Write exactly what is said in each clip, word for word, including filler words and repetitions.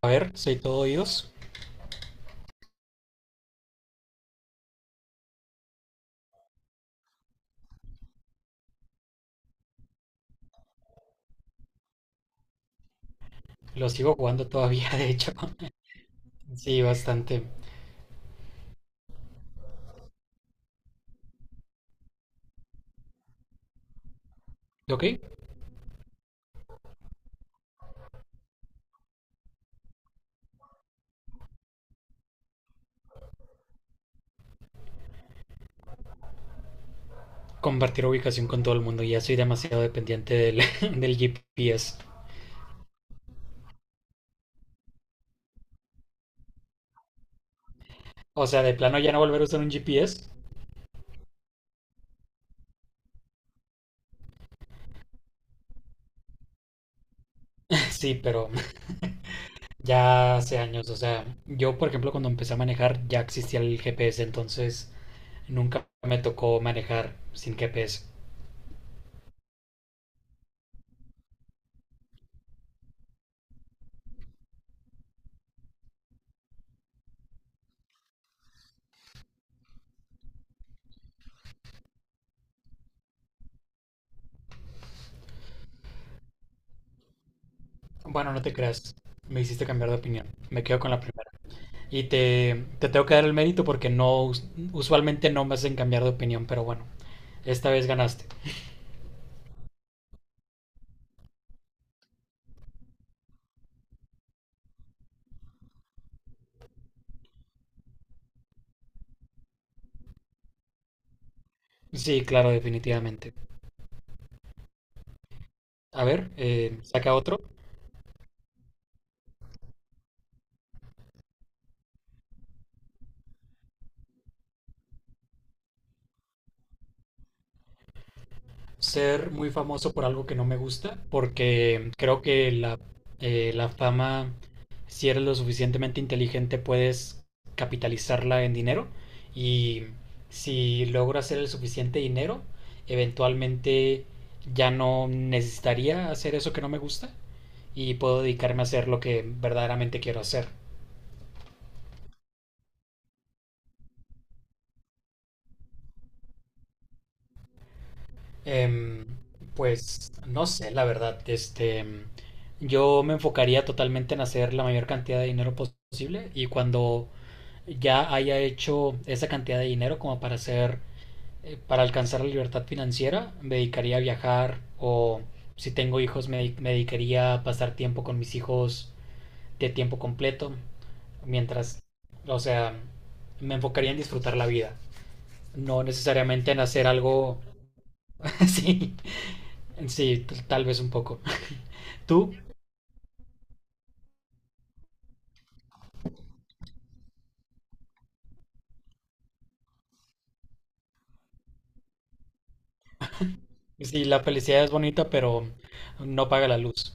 A ver, soy todo oídos. Lo sigo jugando todavía, de hecho. Sí, bastante. Ok, compartir ubicación con todo el mundo. Ya soy demasiado dependiente del, del G P S. O sea, de plano ya no volver a usar un G P S. Sí, pero ya hace años. O sea, yo, por ejemplo, cuando empecé a manejar ya existía el G P S, entonces nunca me tocó manejar sin G P S. Bueno, no te creas. Me hiciste cambiar de opinión. Me quedo con la primera. Y te, te tengo que dar el mérito porque no, usualmente no me hacen cambiar de opinión, pero bueno, esta vez ganaste. Sí, claro, definitivamente. A ver, eh, saca otro. Ser muy famoso por algo que no me gusta, porque creo que la, eh, la fama, si eres lo suficientemente inteligente, puedes capitalizarla en dinero. Y si logro hacer el suficiente dinero, eventualmente ya no necesitaría hacer eso que no me gusta. Y puedo dedicarme a hacer lo que verdaderamente quiero hacer. Em, pues no sé, la verdad, este, yo me enfocaría totalmente en hacer la mayor cantidad de dinero posible y cuando ya haya hecho esa cantidad de dinero como para hacer, eh, para alcanzar la libertad financiera, me dedicaría a viajar o si tengo hijos me, me dedicaría a pasar tiempo con mis hijos de tiempo completo, mientras, o sea, me enfocaría en disfrutar la vida. No necesariamente en hacer algo. Sí, sí, t- tal vez un poco. Tú, sí, la felicidad es bonita, pero no paga la luz.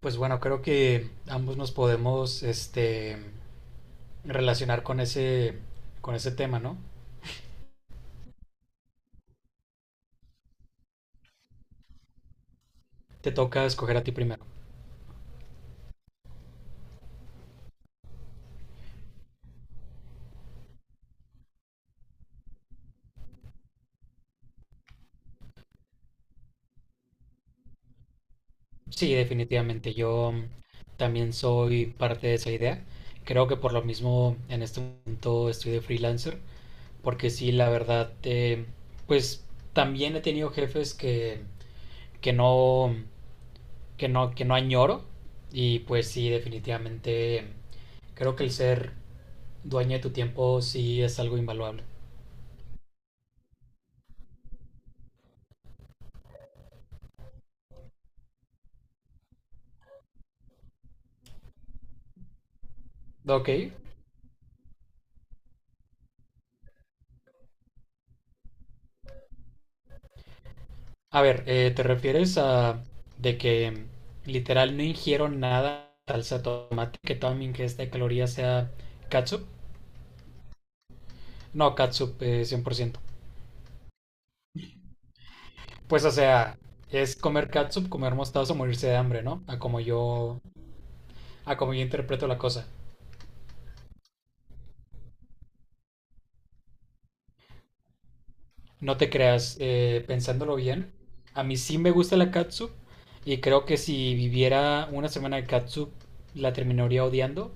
Pues bueno, creo que ambos nos podemos, este, relacionar con ese, con ese tema, ¿no? Te toca escoger a ti primero. Sí, definitivamente. Yo también soy parte de esa idea. Creo que por lo mismo en este momento estoy de freelancer, porque sí, la verdad, eh, pues también he tenido jefes que que no, que no, que no añoro. Y pues sí, definitivamente creo que el ser dueño de tu tiempo sí es algo invaluable. Ok. A ver, eh, ¿te refieres a de que literal no ingiero nada de salsa de tomate, que toda mi ingesta de calorías sea catsup? No, catsup, eh, cien por ciento. Pues o sea, es comer catsup, comer mostaza o morirse de hambre, ¿no? A como yo, a como yo interpreto la cosa. No te creas, eh, pensándolo bien, a mí sí me gusta la catsup y creo que si viviera una semana de catsup la terminaría odiando.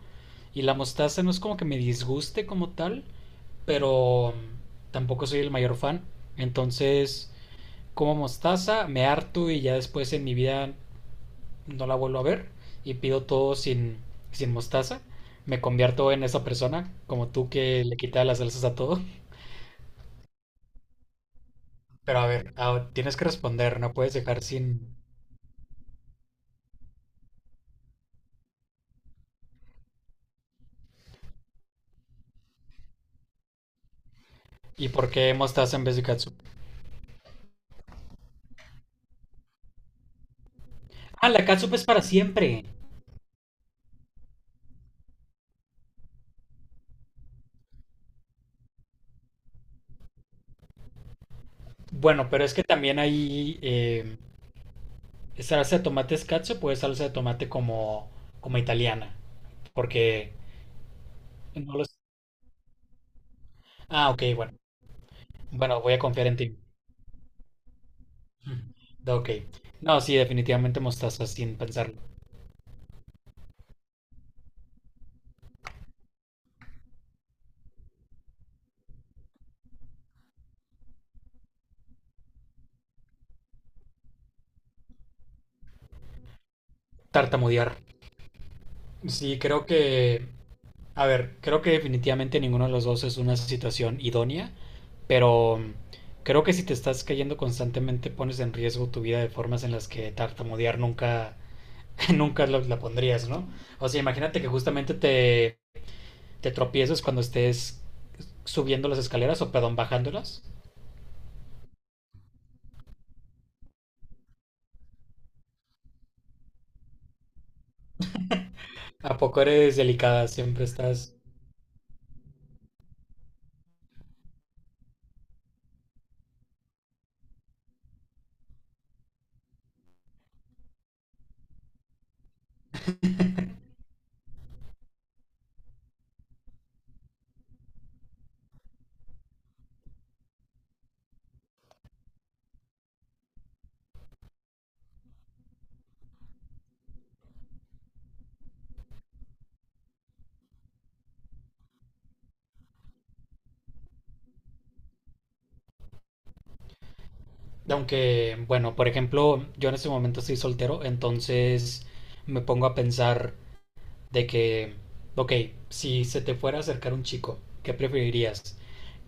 Y la mostaza no es como que me disguste como tal, pero mm, tampoco soy el mayor fan. Entonces, como mostaza, me harto y ya después en mi vida no la vuelvo a ver y pido todo sin, sin mostaza. Me convierto en esa persona, como tú que le quita las salsas a todo. Pero a ver, ah, tienes que responder, no puedes dejar sin. ¿Y por qué mostaza en vez de catsup? Ah, la catsup es para siempre. Bueno, pero es que también hay eh, salsa de tomate es catsup o es salsa de tomate como, como italiana. Porque no los... Ah, ok, bueno. Bueno, voy a confiar en ti. Ok. No, sí, definitivamente mostaza, sin pensarlo. Tartamudear. Sí, creo que, a ver, creo que definitivamente ninguno de los dos es una situación idónea, pero mm, creo que si te estás cayendo constantemente pones en riesgo tu vida de formas en las que tartamudear nunca, nunca lo- la pondrías, ¿no? O sea, imagínate que justamente te, te tropiezas cuando estés subiendo las escaleras o, perdón, bajándolas. ¿A poco eres delicada? Siempre estás... Aunque, bueno, por ejemplo, yo en este momento estoy soltero, entonces me pongo a pensar... de que, ok, si se te fuera a acercar un chico, ¿qué preferirías?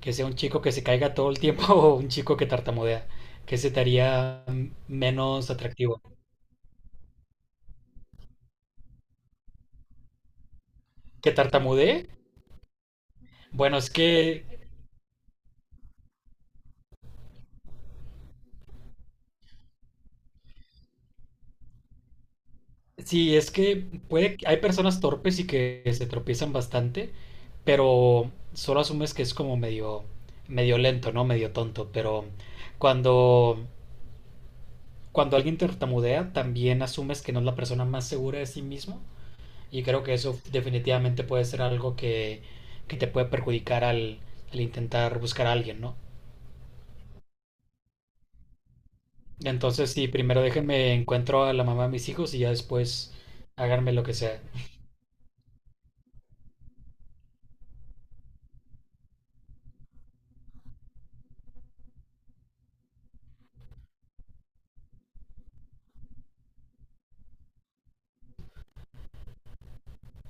¿Que sea un chico que se caiga todo el tiempo o un chico que tartamudea? ¿Qué se te haría mm, menos atractivo? ¿Que tartamudee? Bueno, es que, sí, es que puede, hay personas torpes y que se tropiezan bastante, pero solo asumes que es como medio, medio lento, ¿no? Medio tonto, pero cuando, cuando alguien tartamudea, también asumes que no es la persona más segura de sí mismo. Y creo que eso definitivamente puede ser algo que, que te puede perjudicar al, al intentar buscar a alguien, ¿no? Entonces, sí, primero déjenme encuentro a la mamá de mis hijos y ya después háganme lo que sea.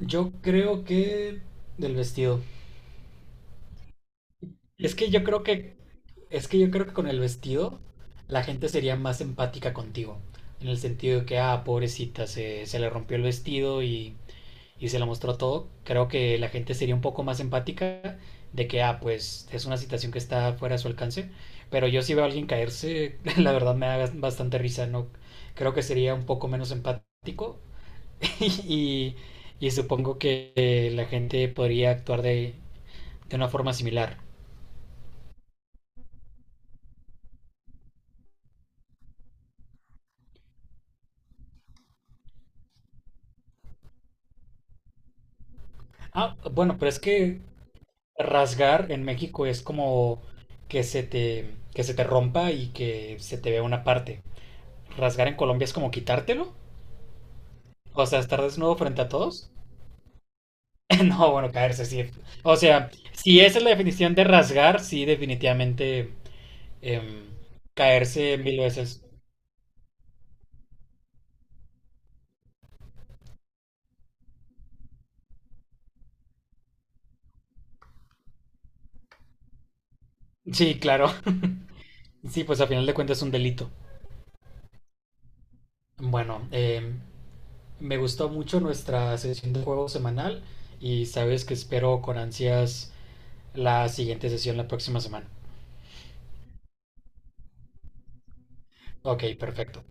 Yo creo que del vestido. Es que yo creo que es que yo creo que con el vestido la gente sería más empática contigo, en el sentido de que ah, pobrecita, se, se le rompió el vestido y y se lo mostró todo, creo que la gente sería un poco más empática de que, ah, pues es una situación que está fuera de su alcance. Pero yo si veo a alguien caerse, la verdad me da bastante risa, ¿no? Creo que sería un poco menos empático y, y supongo que eh, la gente podría actuar de, de una forma similar. Ah, bueno, pero es que rasgar en México es como que se te, que se te rompa y que se te vea una parte. Rasgar en Colombia es como quitártelo. O sea, estar desnudo frente a todos. No, bueno, caerse, sí. O sea, si esa es la definición de rasgar, sí, definitivamente, em, caerse mil veces. Sí, claro. Sí, pues a final de cuentas es un delito. Bueno, em, me gustó mucho nuestra sesión de juego semanal y sabes que espero con ansias la siguiente sesión la próxima semana. Ok, perfecto.